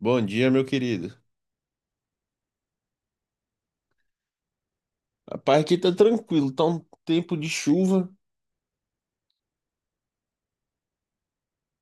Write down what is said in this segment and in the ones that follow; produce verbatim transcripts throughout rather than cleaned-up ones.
Bom dia, meu querido. Rapaz, aqui tá tranquilo, tá um tempo de chuva.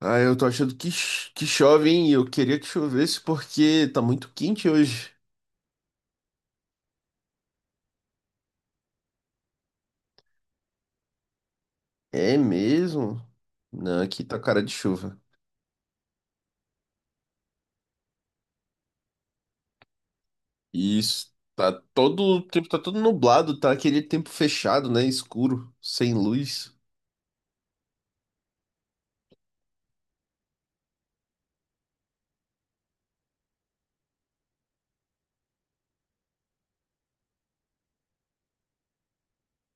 Ah, eu tô achando que, ch- que chove, hein? Eu queria que chovesse porque tá muito quente hoje. É mesmo? Não, aqui tá cara de chuva. E isso, tá todo o tempo, tá todo nublado, tá aquele tempo fechado, né? Escuro, sem luz.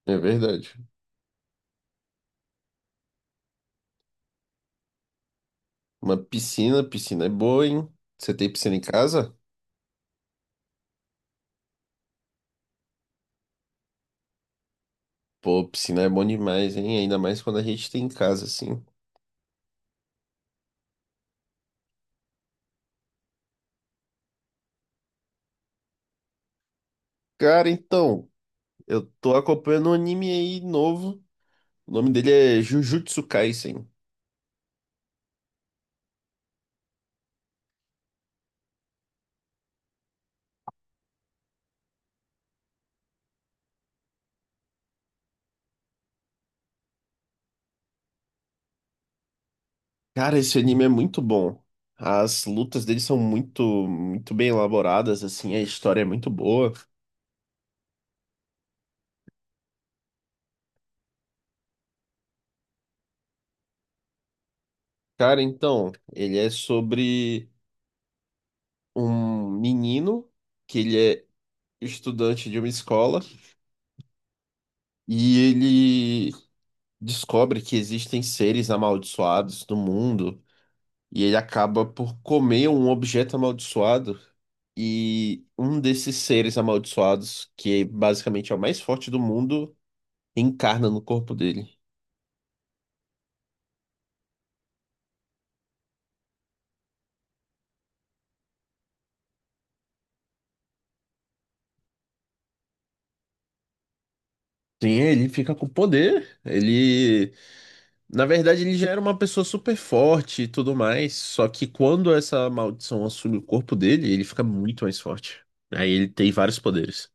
É verdade. Uma piscina, piscina é boa, hein? Você tem piscina em casa? Pô, piscina é bom demais, hein? Ainda mais quando a gente tem em casa, assim. Cara, então. Eu tô acompanhando um anime aí novo. O nome dele é Jujutsu Kaisen. Cara, esse anime é muito bom. As lutas dele são muito, muito bem elaboradas, assim, a história é muito boa. Cara, então, ele é sobre um menino que ele é estudante de uma escola e ele descobre que existem seres amaldiçoados no mundo. E ele acaba por comer um objeto amaldiçoado. E um desses seres amaldiçoados, que é basicamente é o mais forte do mundo, encarna no corpo dele. Sim, ele fica com poder. Ele, na verdade, ele já era uma pessoa super forte e tudo mais. Só que quando essa maldição assume o corpo dele, ele fica muito mais forte. Aí ele tem vários poderes.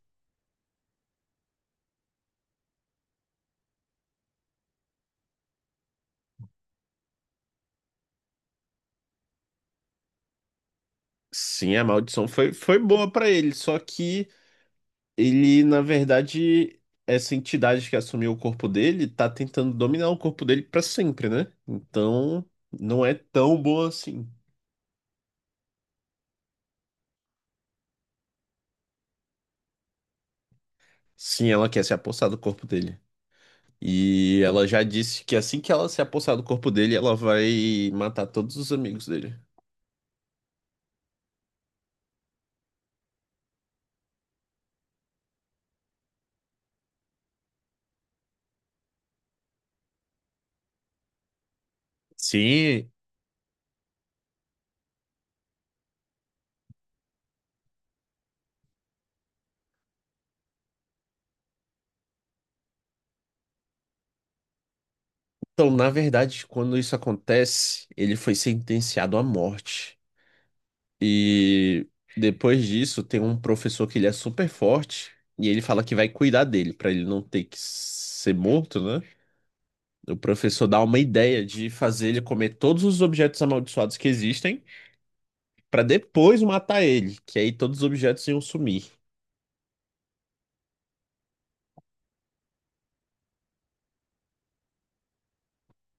Sim, a maldição foi, foi boa pra ele, só que ele, na verdade, essa entidade que assumiu o corpo dele tá tentando dominar o corpo dele pra sempre, né? Então, não é tão boa assim. Sim, ela quer se apossar do corpo dele. E ela já disse que assim que ela se apossar do corpo dele, ela vai matar todos os amigos dele. Sim. Então, na verdade, quando isso acontece, ele foi sentenciado à morte. E depois disso, tem um professor que ele é super forte e ele fala que vai cuidar dele pra ele não ter que ser morto, né? O professor dá uma ideia de fazer ele comer todos os objetos amaldiçoados que existem pra depois matar ele, que aí todos os objetos iam sumir.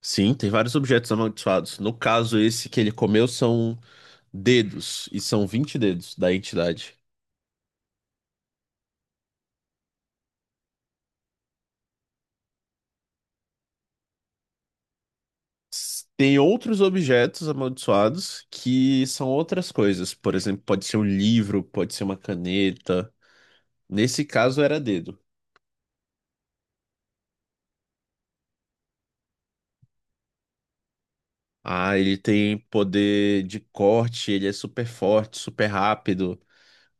Sim, tem vários objetos amaldiçoados. No caso, esse que ele comeu são dedos, e são vinte dedos da entidade. S- Tem outros objetos amaldiçoados que são outras coisas. Por exemplo, pode ser um livro, pode ser uma caneta. Nesse caso era dedo. Ah, ele tem poder de corte, ele é super forte, super rápido.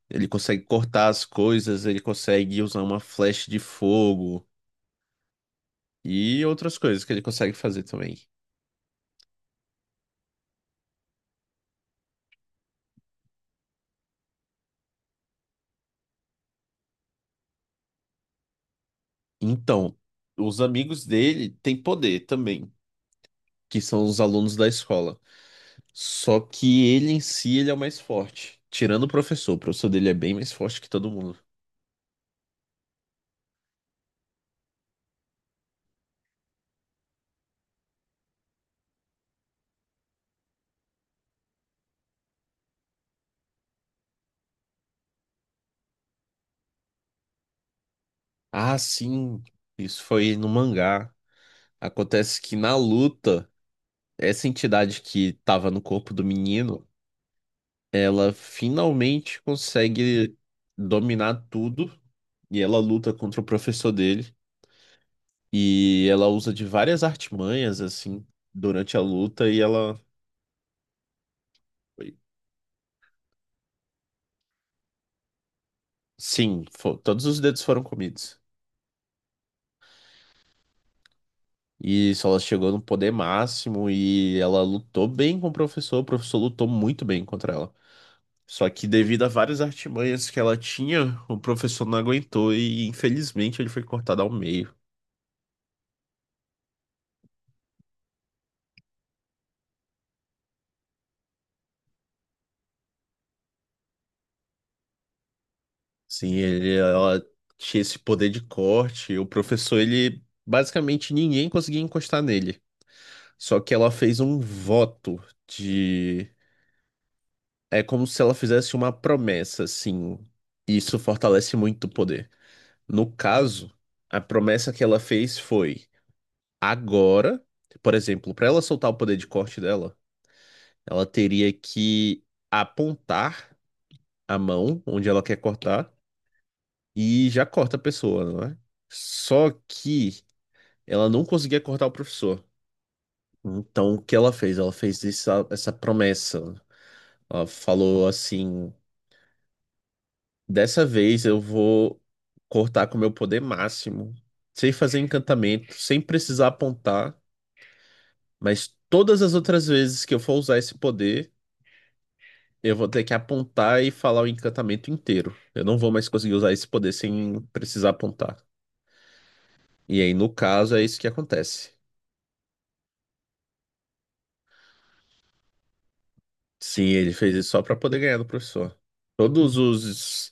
Ele consegue cortar as coisas, ele consegue usar uma flecha de fogo e outras coisas que ele consegue fazer também. Então, os amigos dele têm poder também, que são os alunos da escola. Só que ele em si, ele é o mais forte. Tirando o professor, o professor dele é bem mais forte que todo mundo. Ah, sim, isso foi no mangá. Acontece que na luta, essa entidade que tava no corpo do menino, ela finalmente consegue dominar tudo e ela luta contra o professor dele e ela usa de várias artimanhas assim durante a luta e ela Sim, fo- todos os dedos foram comidos. E isso, ela chegou no poder máximo e ela lutou bem com o professor. O professor lutou muito bem contra ela. Só que devido a várias artimanhas que ela tinha, o professor não aguentou e infelizmente ele foi cortado ao meio. Sim, ele, ela tinha esse poder de corte. O professor, ele basicamente ninguém conseguia encostar nele. Só que ela fez um voto de. É como se ela fizesse uma promessa, assim. Isso fortalece muito o poder. No caso, a promessa que ela fez foi: agora, por exemplo, para ela soltar o poder de corte dela, ela teria que apontar a mão onde ela quer cortar e já corta a pessoa, não é? Só que ela não conseguia cortar o professor. Então, o que ela fez? Ela fez essa, essa promessa. Ela falou assim: dessa vez eu vou cortar com o meu poder máximo, sem fazer encantamento, sem precisar apontar. Mas todas as outras vezes que eu for usar esse poder, eu vou ter que apontar e falar o encantamento inteiro. Eu não vou mais conseguir usar esse poder sem precisar apontar. E aí, no caso, é isso que acontece. Sim, ele fez isso só pra poder ganhar do professor. Todos os.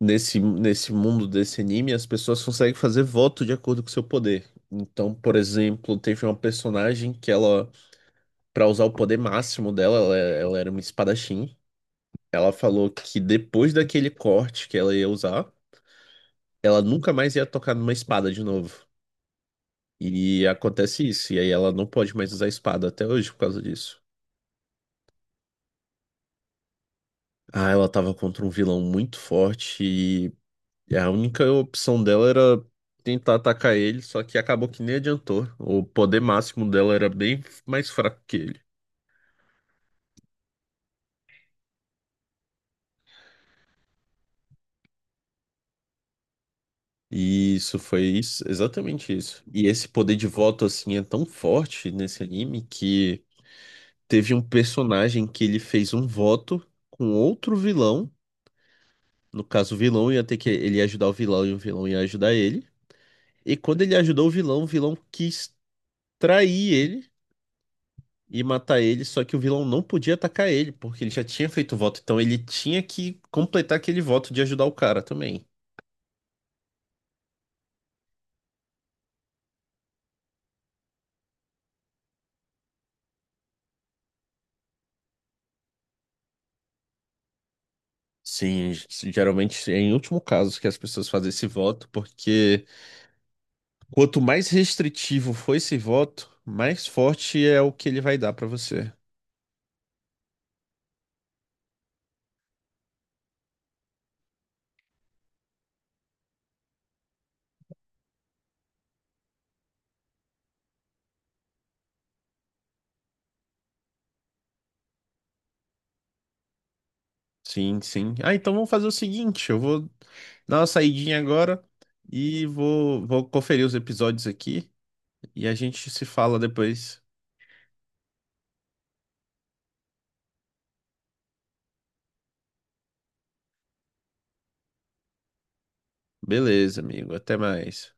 Nesse, nesse mundo desse anime, as pessoas conseguem fazer voto de acordo com o seu poder. Então, por exemplo, teve uma personagem que ela, pra usar o poder máximo dela, ela ela era uma espadachim. Ela falou que depois daquele corte que ela ia usar, ela nunca mais ia tocar numa espada de novo. E acontece isso, e aí ela não pode mais usar espada até hoje por causa disso. Ah, ela tava contra um vilão muito forte e a única opção dela era tentar atacar ele, só que acabou que nem adiantou. O poder máximo dela era bem mais fraco que ele. E isso foi isso, exatamente isso. E esse poder de voto assim é tão forte nesse anime que teve um personagem que ele fez um voto com outro vilão. No caso, o vilão ia ter que ele ia ajudar o vilão e o vilão ia ajudar ele. E quando ele ajudou o vilão, o vilão quis trair ele e matar ele, só que o vilão não podia atacar ele, porque ele já tinha feito o voto, então ele tinha que completar aquele voto de ajudar o cara também. Sim, geralmente é em último caso que as pessoas fazem esse voto, porque quanto mais restritivo for esse voto, mais forte é o que ele vai dar pra você. Sim, sim. Ah, então vamos fazer o seguinte, eu vou dar uma saidinha agora e vou, vou conferir os episódios aqui e a gente se fala depois. Beleza, amigo. Até mais.